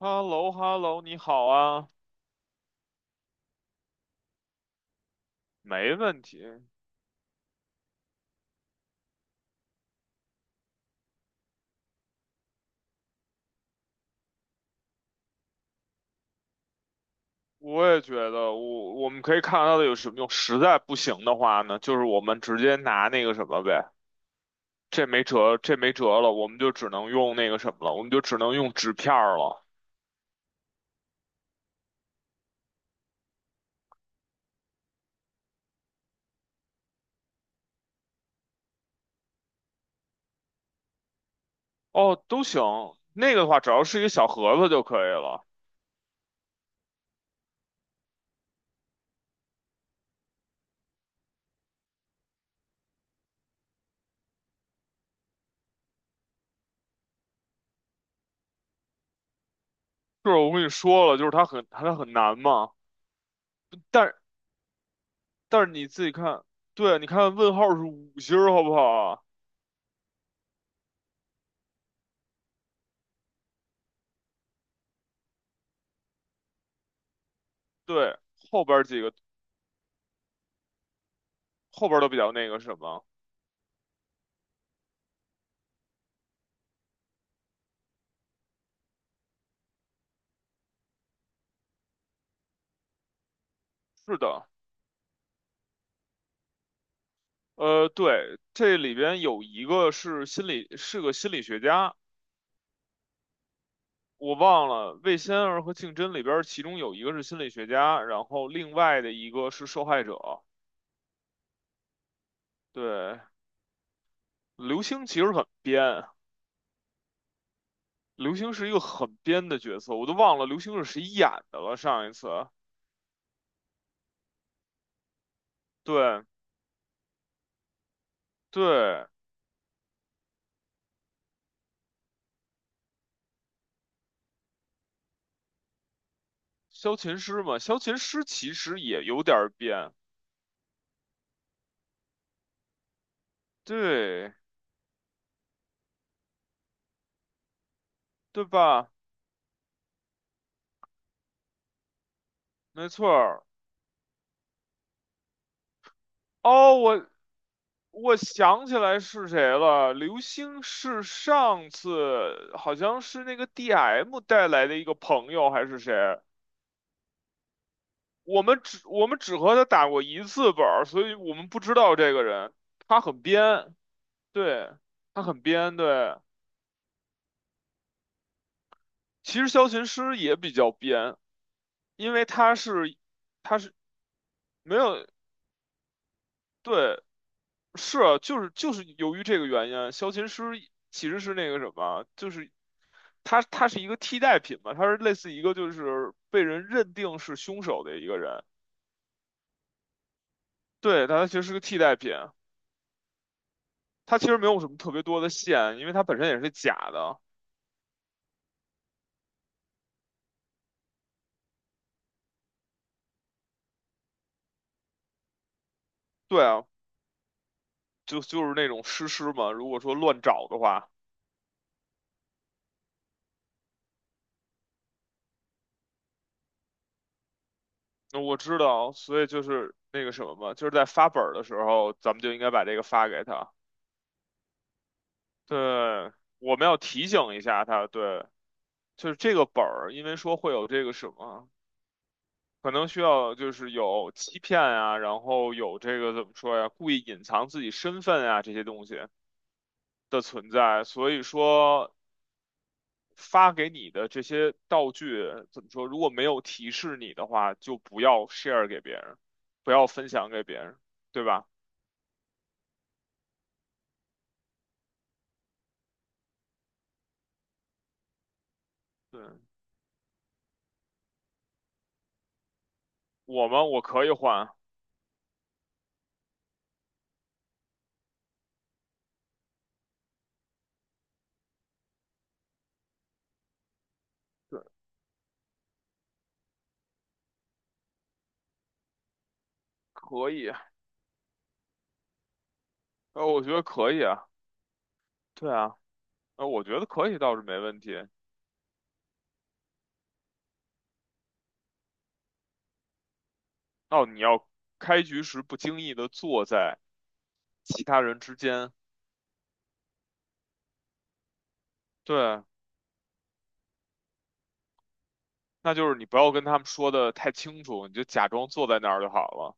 h e l l o h e l l o 你好啊。没问题。我也觉得我们可以看到的有什么用？实在不行的话呢，就是我们直接拿那个什么呗。这没辙，这没辙了，我们就只能用那个什么了，我们就只能用纸片儿了。哦，都行，那个的话只要是一个小盒子就可以了。就是我跟你说了，就是它很难嘛。但是但是你自己看。对，你看问号是五星儿好不好啊？对，后边儿几个后边儿都比较那个什么。是的。对，这里边有一个是心理，是个心理学家。我忘了《魏仙儿和竞真》里边儿其中有一个是心理学家，然后另外的一个是受害者。对，刘星其实很编。刘星是一个很编的角色，我都忘了刘星是谁演的了。上一次，对对，萧琴师嘛，萧琴师其实也有点儿编。对，对吧？没错儿。哦，我想起来是谁了，刘星是上次好像是那个 DM 带来的一个朋友还是谁？我们只和他打过一次本儿，所以我们不知道这个人。他很编。对，他很编，对。其实萧琴师也比较编，因为他是没有。对，是啊，就是由于这个原因啊，萧琴师其实是那个什么，就是他是一个替代品嘛，他是类似一个就是被人认定是凶手的一个人。对，但他其实是个替代品。他其实没有什么特别多的线，因为他本身也是假的。对啊，就是那种诗诗嘛，如果说乱找的话。那我知道，所以就是那个什么嘛，就是在发本儿的时候，咱们就应该把这个发给他。对，我们要提醒一下他。对，就是这个本儿，因为说会有这个什么，可能需要就是有欺骗啊，然后有这个怎么说呀，故意隐藏自己身份啊这些东西的存在，所以说发给你的这些道具怎么说，如果没有提示你的话，就不要 share 给别人，不要分享给别人。对吧？对，我可以换。对，可以啊。我觉得可以啊。对啊。我觉得可以倒是没问题。哦，你要开局时不经意的坐在其他人之间。对，那就是你不要跟他们说的太清楚，你就假装坐在那儿就好了。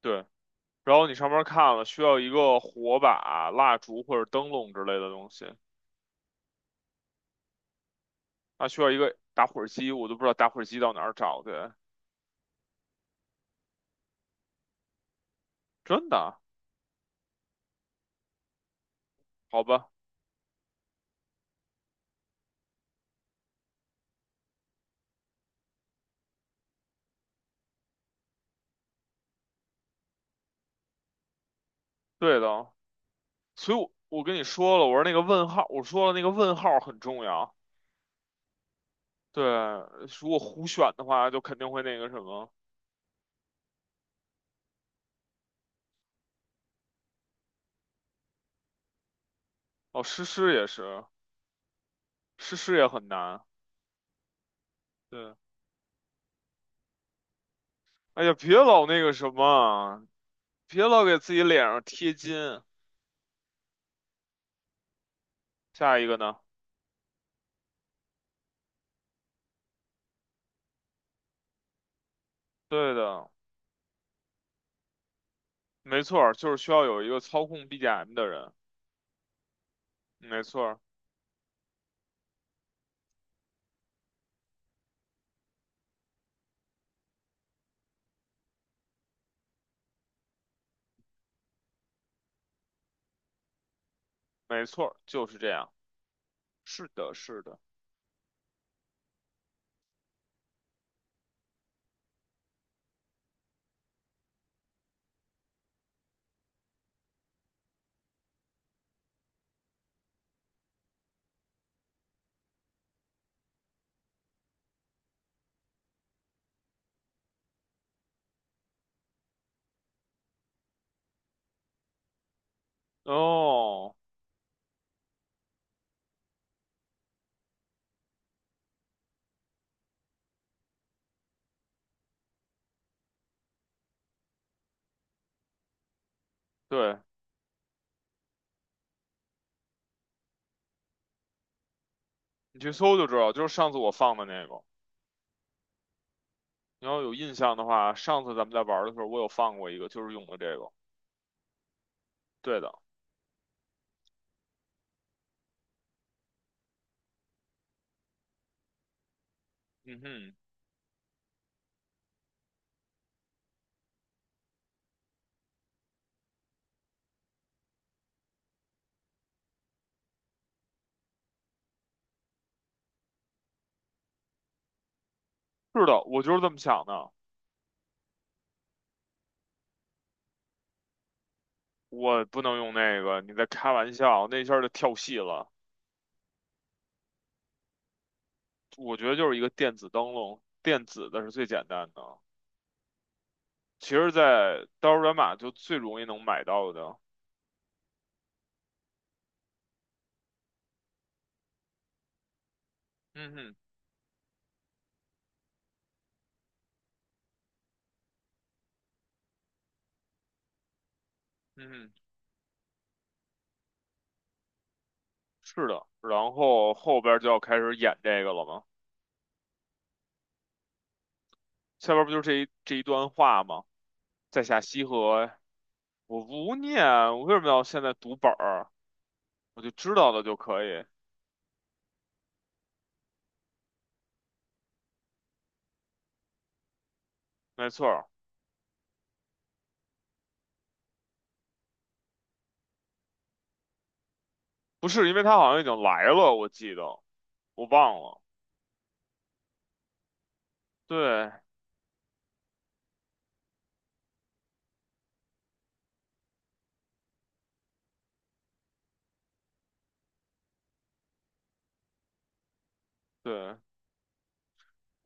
对，然后你上面看了，需要一个火把、蜡烛或者灯笼之类的东西，还需要一个打火机，我都不知道打火机到哪儿找去。真的？好吧。对的。所以我，我跟你说了，我说那个问号，我说了那个问号很重要。对，如果胡选的话，就肯定会那个什么。哦，诗诗也是。是事业很难。对，哎呀，别老那个什么啊，别老给自己脸上贴金。下一个呢？对的。没错儿，就是需要有一个操控 BGM 的人。没错儿。没错儿，就是这样。是的，是的。哦，对，你去搜就知道，就是上次我放的那个。你要有印象的话，上次咱们在玩儿的时候，我有放过一个，就是用的这个。对的。嗯哼。是的，我就是这么想的。我不能用那个，你在开玩笑，那一下儿就跳戏了。我觉得就是一个电子灯笼，电子的是最简单的。其实，在刀儿马码就最容易能买到的。嗯哼。嗯哼。是的。然后后边儿就要开始演这个了嘛。下边儿不就是这一段话吗？在下西河，我不念，我为什么要现在读本儿？我就知道的就可以。没错儿。不是因为他好像已经来了，我记得，我忘了。对对，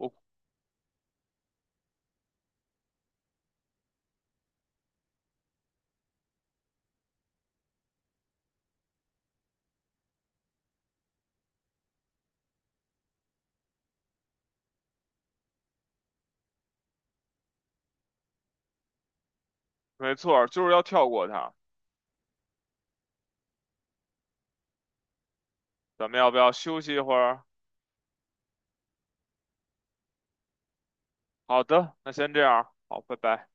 我没错儿，就是要跳过他。咱们要不要休息一会儿？好的，那先这样，好，拜拜。